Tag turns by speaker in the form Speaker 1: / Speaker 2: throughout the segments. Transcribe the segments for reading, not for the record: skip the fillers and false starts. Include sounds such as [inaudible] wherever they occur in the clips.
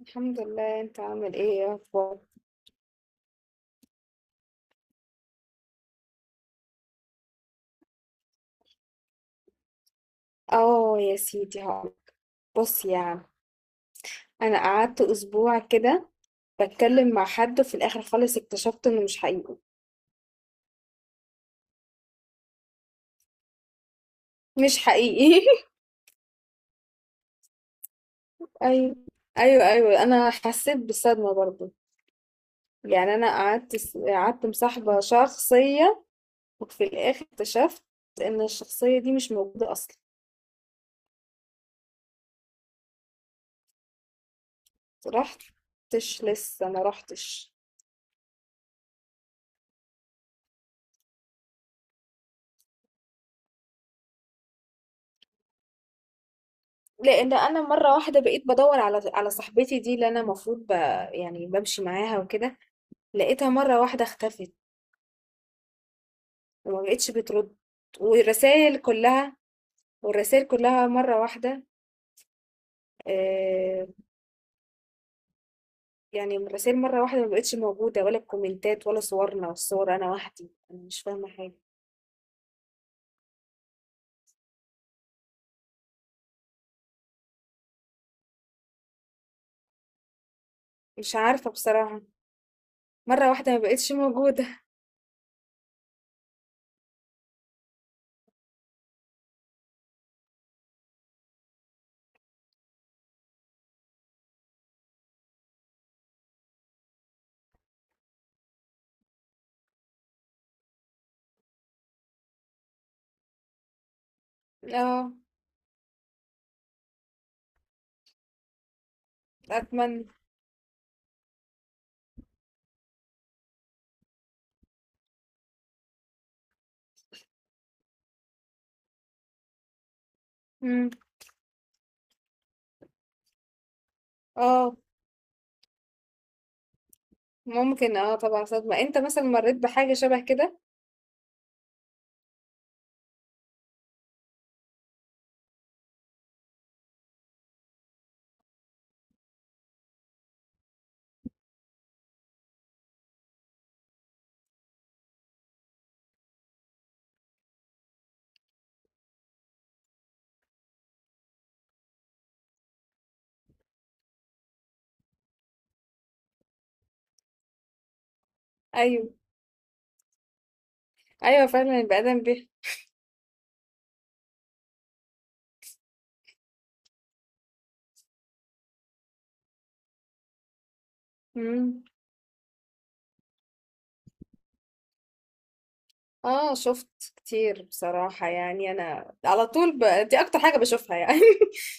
Speaker 1: الحمد لله. انت عامل ايه يا اخبار؟ اه يا سيدي هقول. بص يا عم، انا قعدت اسبوع كده بتكلم مع حد، وفي الاخر خالص اكتشفت انه مش حقيقي، مش حقيقي. [laughs] ايوه ايوه ايوه، انا حسيت بالصدمه برضو. يعني انا قعدت مصاحبه شخصيه، وفي الاخر اكتشفت ان الشخصيه دي مش موجوده اصلا. رحتش، لسه ما رحتش. لان انا مره واحده بقيت بدور على صاحبتي دي اللي انا يعني بمشي معاها وكده، لقيتها مره واحده اختفت، وما بقتش بترد. والرسائل كلها والرسائل كلها مره واحده. آه، يعني الرسائل مره واحده ما بقتش موجوده، ولا الكومنتات، ولا صورنا، والصور انا وحدي. انا مش فاهمه حاجه، مش عارفه بصراحه. مره واحده ما بقتش موجوده. [laughs] اه، اتمنى. مم. اه، ممكن، اه طبعا صدمه. انت مثلا مريت بحاجه شبه كده؟ ايوه، ايوه فعلا البني ادم بيه. مم. اه، شفت كتير بصراحه. يعني انا على دي اكتر حاجه بشوفها يعني. [laughs]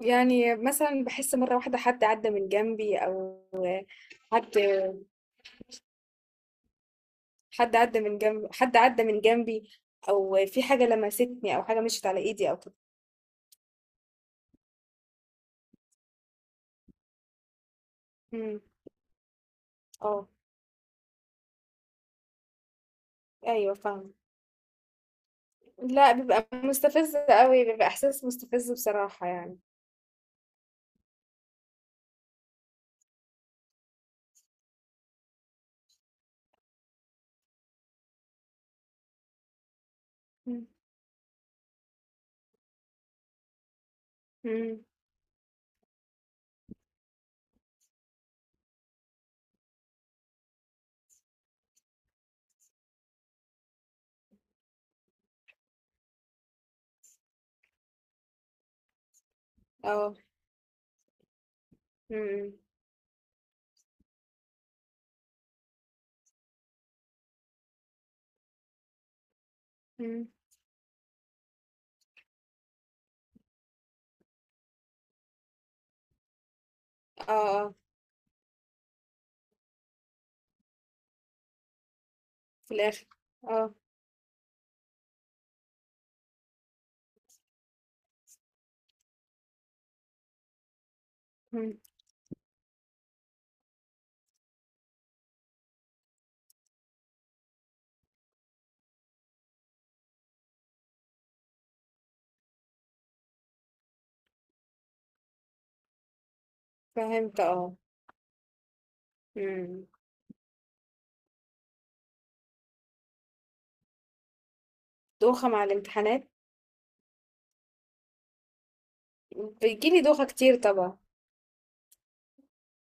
Speaker 1: يعني مثلا بحس مره واحده حد عدى من جنبي، او حد حد عدى من جنبي، او في حاجه لمستني، او حاجه مشيت على ايدي او كده. مم. اه. ايوه فاهمه. لا، بيبقى مستفز قوي، بيبقى احساس مستفز بصراحه يعني. مم. مم. اه. مم. مم. اه. اه في الاخر. اه. إمم. فهمت، اه. امم، دوخة مع الامتحانات. بيجيلي دوخة كتير طبعا.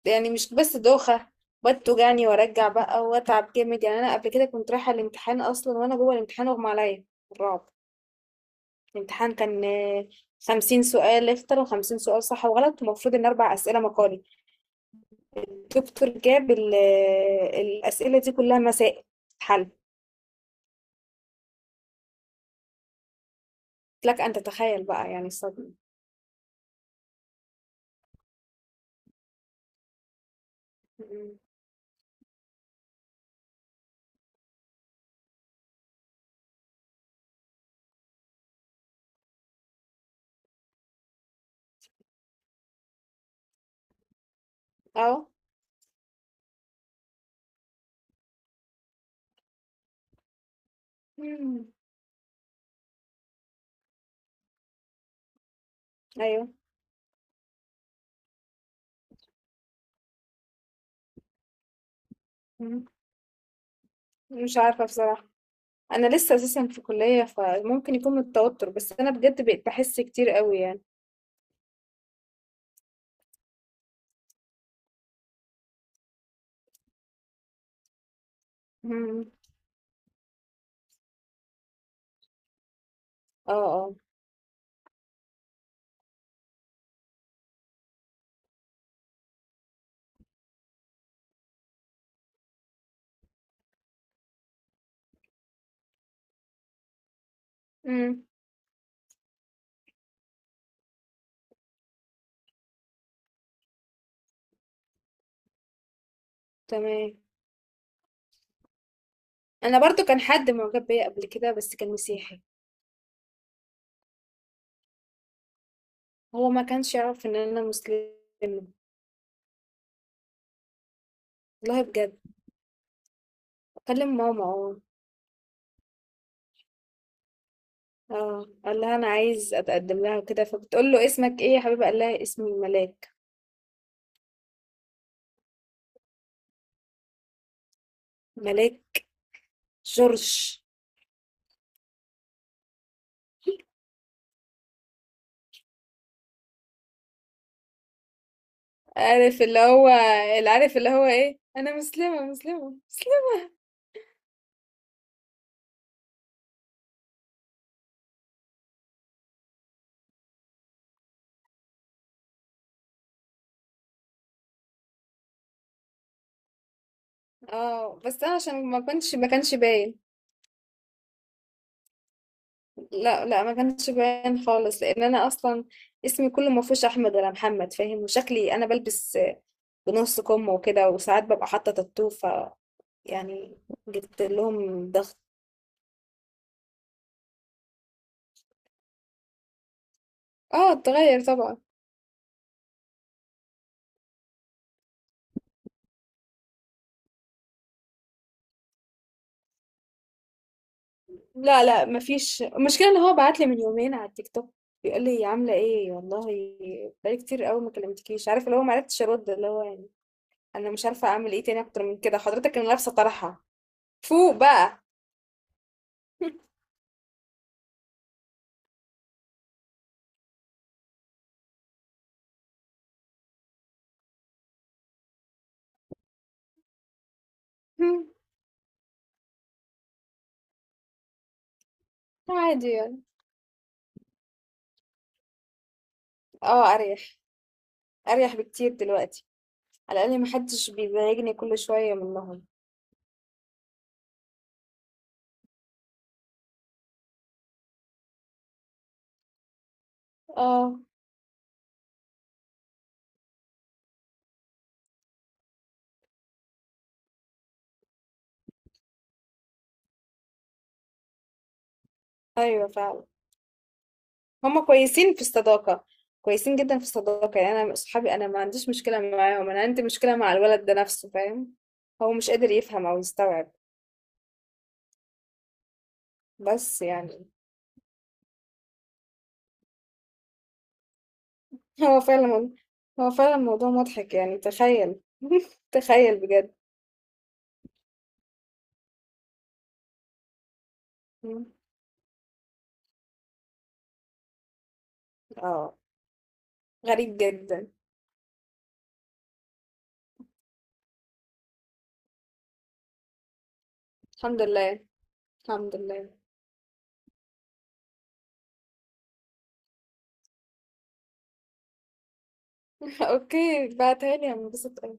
Speaker 1: يعني مش بس دوخة، بقعد توجعني وارجع بقى واتعب جامد. يعني انا قبل كده كنت رايحة الامتحان، اصلا وانا جوه الامتحان اغمى عليا. الرعب! الامتحان كان، 50 سؤال اختر، وخمسين سؤال صح وغلط، ومفروض ان اربع اسئلة مقالي. الدكتور جاب الاسئلة دي كلها مسائل حل. لك ان تتخيل بقى يعني الصدمة. أمم. اه. أمم. ايوه. أمم. مش عارفة بصراحة. انا لسه اساسا في كلية، فممكن يكون من التوتر، بس انا بجد بقيت بحس كتير قوي يعني. مم. اه. اه. امم. تمام. انا برضو كان حد معجب بيا قبل كده، بس كان مسيحي. هو ما كانش يعرف ان انا مسلمة. والله بجد. اكلم ماما. اه. اه، قال لها انا عايز اتقدم لها وكده، فبتقول له اسمك ايه يا حبيبه؟ قال لها اسمي ملاك. ملاك جورج. عارف اللي هو اللي عارف اللي هو ايه، انا مسلمه مسلمه مسلمه. اه، بس انا عشان ما كانش باين. لا لا، ما كانش باين خالص. لان انا اصلا اسمي كله ما فيهوش احمد ولا محمد، فاهم؟ وشكلي انا بلبس بنص كم وكده، وساعات ببقى حاطه تاتو، ف يعني جبت لهم ضغط. اه اتغير طبعا. لا لا، ما فيش. المشكله ان هو بعت لي من يومين على التيك توك بيقول لي عامله ايه والله، بقالي كتير قوي ما كلمتكيش. عارف اللي هو، ما عرفتش ارد. اللي هو يعني، انا مش عارفه اعمل ايه تاني اكتر من كده، حضرتك انا لابسه طرحه فوق بقى. [laughs] عادي يعني. اه، اريح، اريح بكتير دلوقتي. على الاقل محدش بيزعجني كل شويه منهم. اه. ايوه فعلا. هما كويسين في الصداقه، كويسين جدا في الصداقه. يعني انا اصحابي، انا ما عنديش مشكله معاهم، انا عندي مشكله مع الولد ده نفسه، فاهم؟ هو مش قادر يفهم او يستوعب. بس يعني. [laughs] هو فعلا، الموضوع مضحك يعني، تخيل. [laughs] تخيل بجد. اه، غريب جدا. الحمد لله، الحمد لله. [laughs] اوكي، بعتها لي هنبسط.